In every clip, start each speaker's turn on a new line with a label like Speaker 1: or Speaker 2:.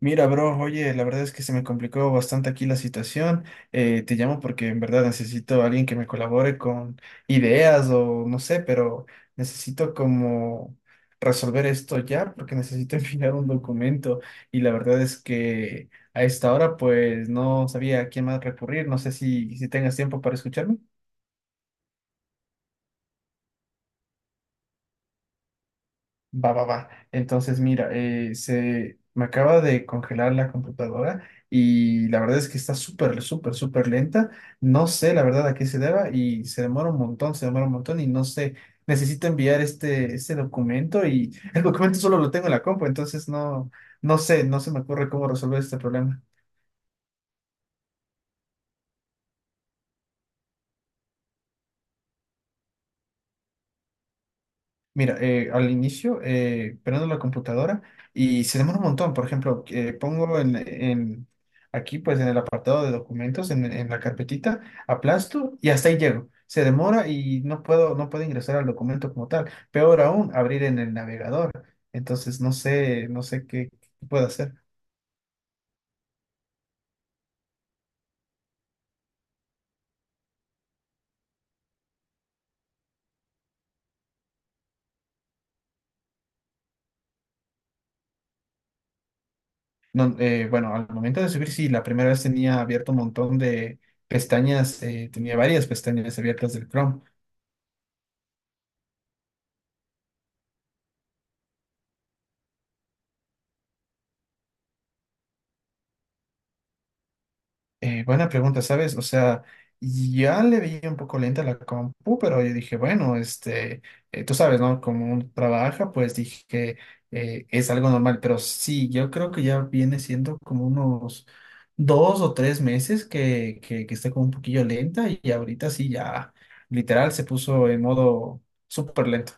Speaker 1: Mira, bro, oye, la verdad es que se me complicó bastante aquí la situación. Te llamo porque en verdad necesito a alguien que me colabore con ideas o no sé, pero necesito como resolver esto ya porque necesito enviar un documento y la verdad es que a esta hora pues no sabía a quién más recurrir. No sé si tengas tiempo para escucharme. Va, va, va. Entonces, mira, se me acaba de congelar la computadora y la verdad es que está súper, súper, súper lenta. No sé la verdad a qué se deba y se demora un montón, se demora un montón y no sé. Necesito enviar este documento y el documento solo lo tengo en la compu, entonces no, no sé, no se me ocurre cómo resolver este problema. Mira, al inicio prendo la computadora y se demora un montón. Por ejemplo, pongo aquí, pues en el apartado de documentos, en la carpetita, aplasto y hasta ahí llego. Se demora y no puedo ingresar al documento como tal. Peor aún, abrir en el navegador. Entonces, no sé qué puedo hacer. No, bueno, al momento de subir, sí, la primera vez tenía abierto un montón de pestañas, tenía varias pestañas abiertas del Chrome. Buena pregunta, ¿sabes? O sea, ya le veía un poco lenta la compu, pero yo dije, bueno, este, tú sabes, ¿no? Como uno trabaja, pues dije, es algo normal, pero sí, yo creo que ya viene siendo como unos 2 o 3 meses que está como un poquillo lenta y ahorita sí, ya literal se puso en modo súper lento.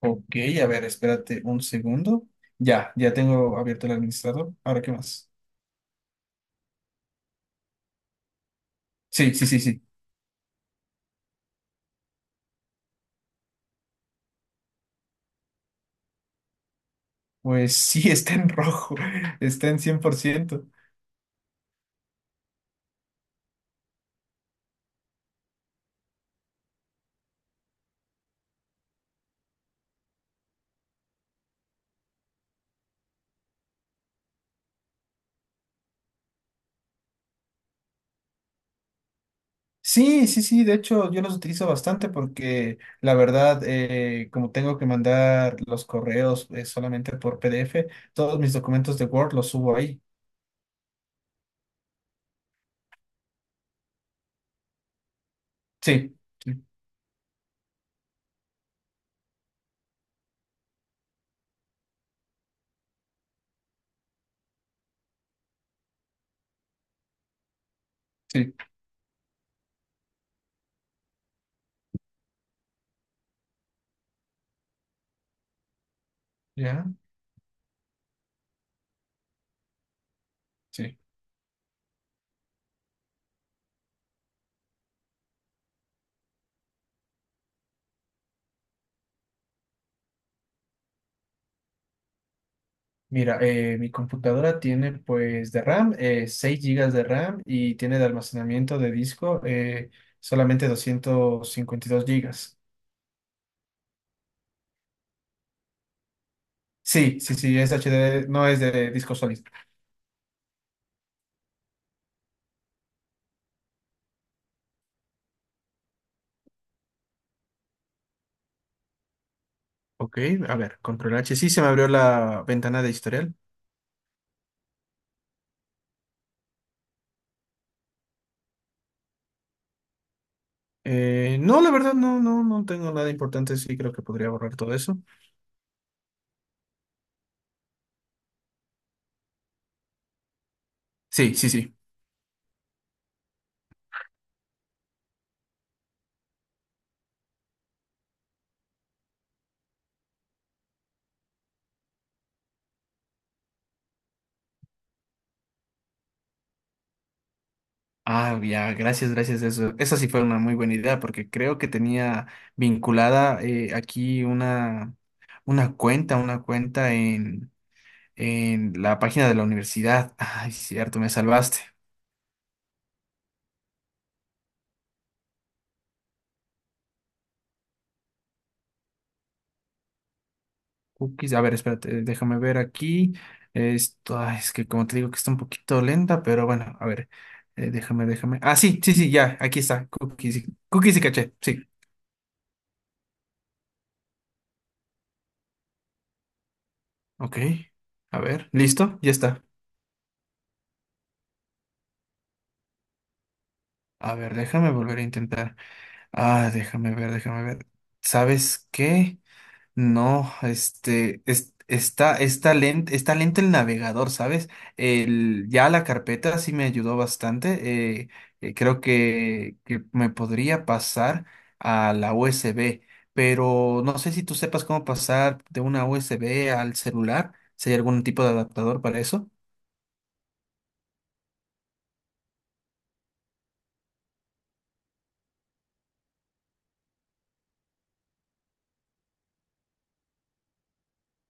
Speaker 1: Ok, a ver, espérate un segundo. Ya, ya tengo abierto el administrador. Ahora, ¿qué más? Sí, sí, sí, sí. Pues sí, está en rojo, está en 100%. Sí, sí, sí, de hecho yo los utilizo bastante porque la verdad, como tengo que mandar los correos solamente por PDF, todos mis documentos de Word los subo ahí. Sí, sí, sí, ya, sí. Mira, mi computadora tiene pues de RAM, 6 GB de RAM y tiene de almacenamiento de disco solamente 252 GB. Sí, sí, sí, es HD, no es de disco sólido. Ok, a ver, control H. Sí, se me abrió la ventana de historial. No, la verdad, no, no, no tengo nada importante. Sí, creo que podría borrar todo eso. Sí, sí, sí. Ah, ya, gracias, gracias. Eso, esa sí fue una muy buena idea porque creo que tenía vinculada aquí una cuenta, una cuenta en la página de la universidad. Ay, sí, cierto, me salvaste. Cookies. A ver, espérate, déjame ver aquí. Esto, ay, es que como te digo que está un poquito lenta, pero bueno, a ver, déjame. Ah, sí, sí, sí, ya, aquí está. Cookies, cookies y caché, sí. Ok, a ver, listo, ya está. A ver, déjame volver a intentar. Ah, déjame ver, déjame ver. ¿Sabes qué? No, este, está lento, está lento el navegador, ¿sabes? Ya la carpeta sí me ayudó bastante. Creo que me podría pasar a la USB, pero no sé si tú sepas cómo pasar de una USB al celular. Si hay algún tipo de adaptador para eso.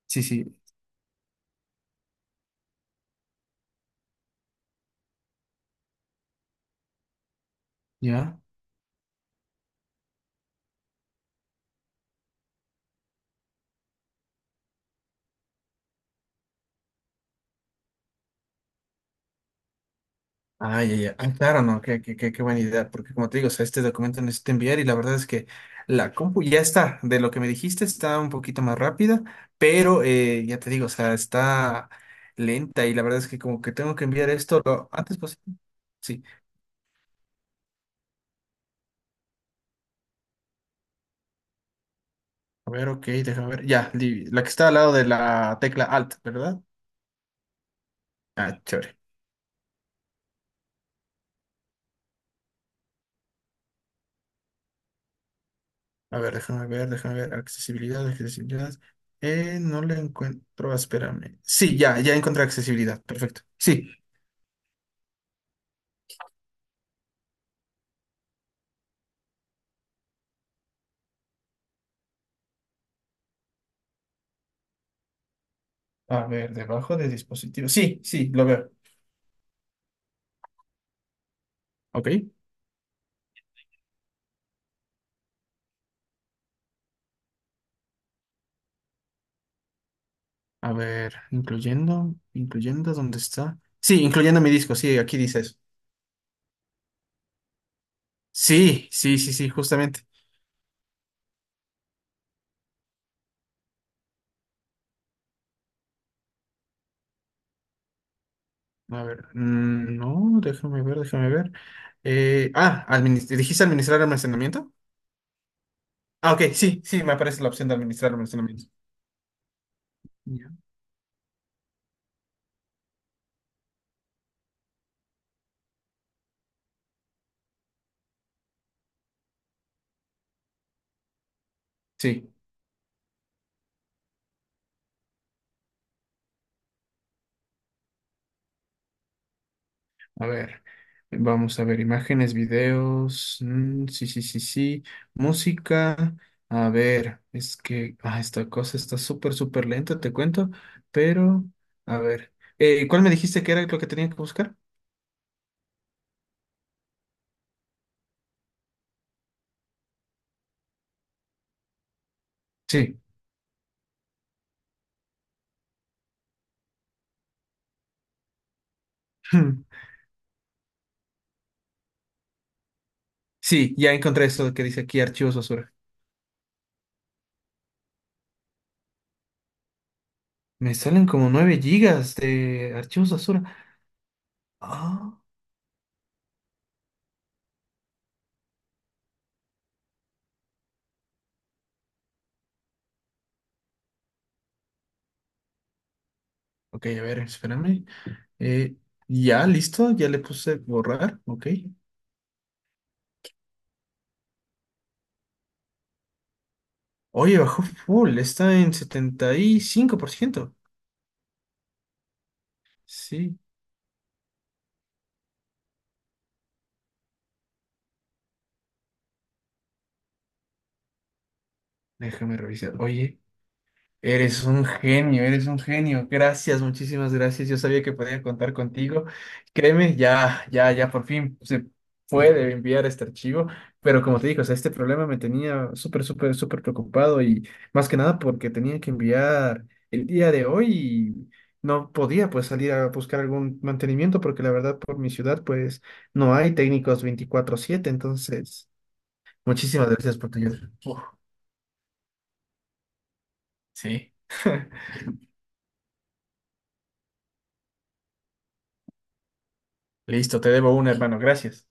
Speaker 1: Sí, sí, ya. Ay, ay, ay. Ah, claro, no, qué buena idea, porque como te digo, o sea, este documento necesito enviar y la verdad es que la compu ya está, de lo que me dijiste está un poquito más rápida, pero ya te digo, o sea, está lenta y la verdad es que como que tengo que enviar esto lo antes posible. Sí, a ver, ok, déjame ver, ya, la que está al lado de la tecla Alt, ¿verdad? Ah, chévere. A ver, déjame ver, déjame ver, accesibilidad, accesibilidad. No le encuentro, espérame. Sí, ya, ya encontré accesibilidad, perfecto. Sí. A ver, debajo de dispositivo. Sí, sí, lo veo. Ok, a ver, incluyendo, incluyendo, ¿dónde está? Sí, incluyendo mi disco, sí, aquí dice eso. Sí, sí, sí, sí, justamente. A ver, no, déjame ver, déjame ver. Ah, ¿dijiste administrar almacenamiento? Ah, ok, sí, sí, me aparece la opción de administrar almacenamiento. Ya. Sí. A ver, vamos a ver, imágenes, videos, mm, sí, sí, sí, sí, música, a ver, es que ah, esta cosa está súper, súper lenta, te cuento, pero, a ver, ¿cuál me dijiste que era lo que tenía que buscar? Sí, sí, ya encontré eso que dice aquí, archivos basura. Me salen como 9 GB de archivos basura. Ah, ok, a ver, espérame. Eh, ya, listo, ya le puse borrar, ok. Oye, bajó full, está en 75%. Sí, déjame revisar. Oye, eres un genio, eres un genio. Gracias, muchísimas gracias. Yo sabía que podía contar contigo. Créeme, ya, ya, ya por fin se puede enviar este archivo. Pero como te digo, o sea, este problema me tenía súper, súper, súper preocupado y más que nada porque tenía que enviar el día de hoy y no podía pues salir a buscar algún mantenimiento porque la verdad por mi ciudad pues no hay técnicos 24/7. Entonces, muchísimas gracias por tu ayuda. Uf, sí. Listo, te debo una, hermano. Gracias.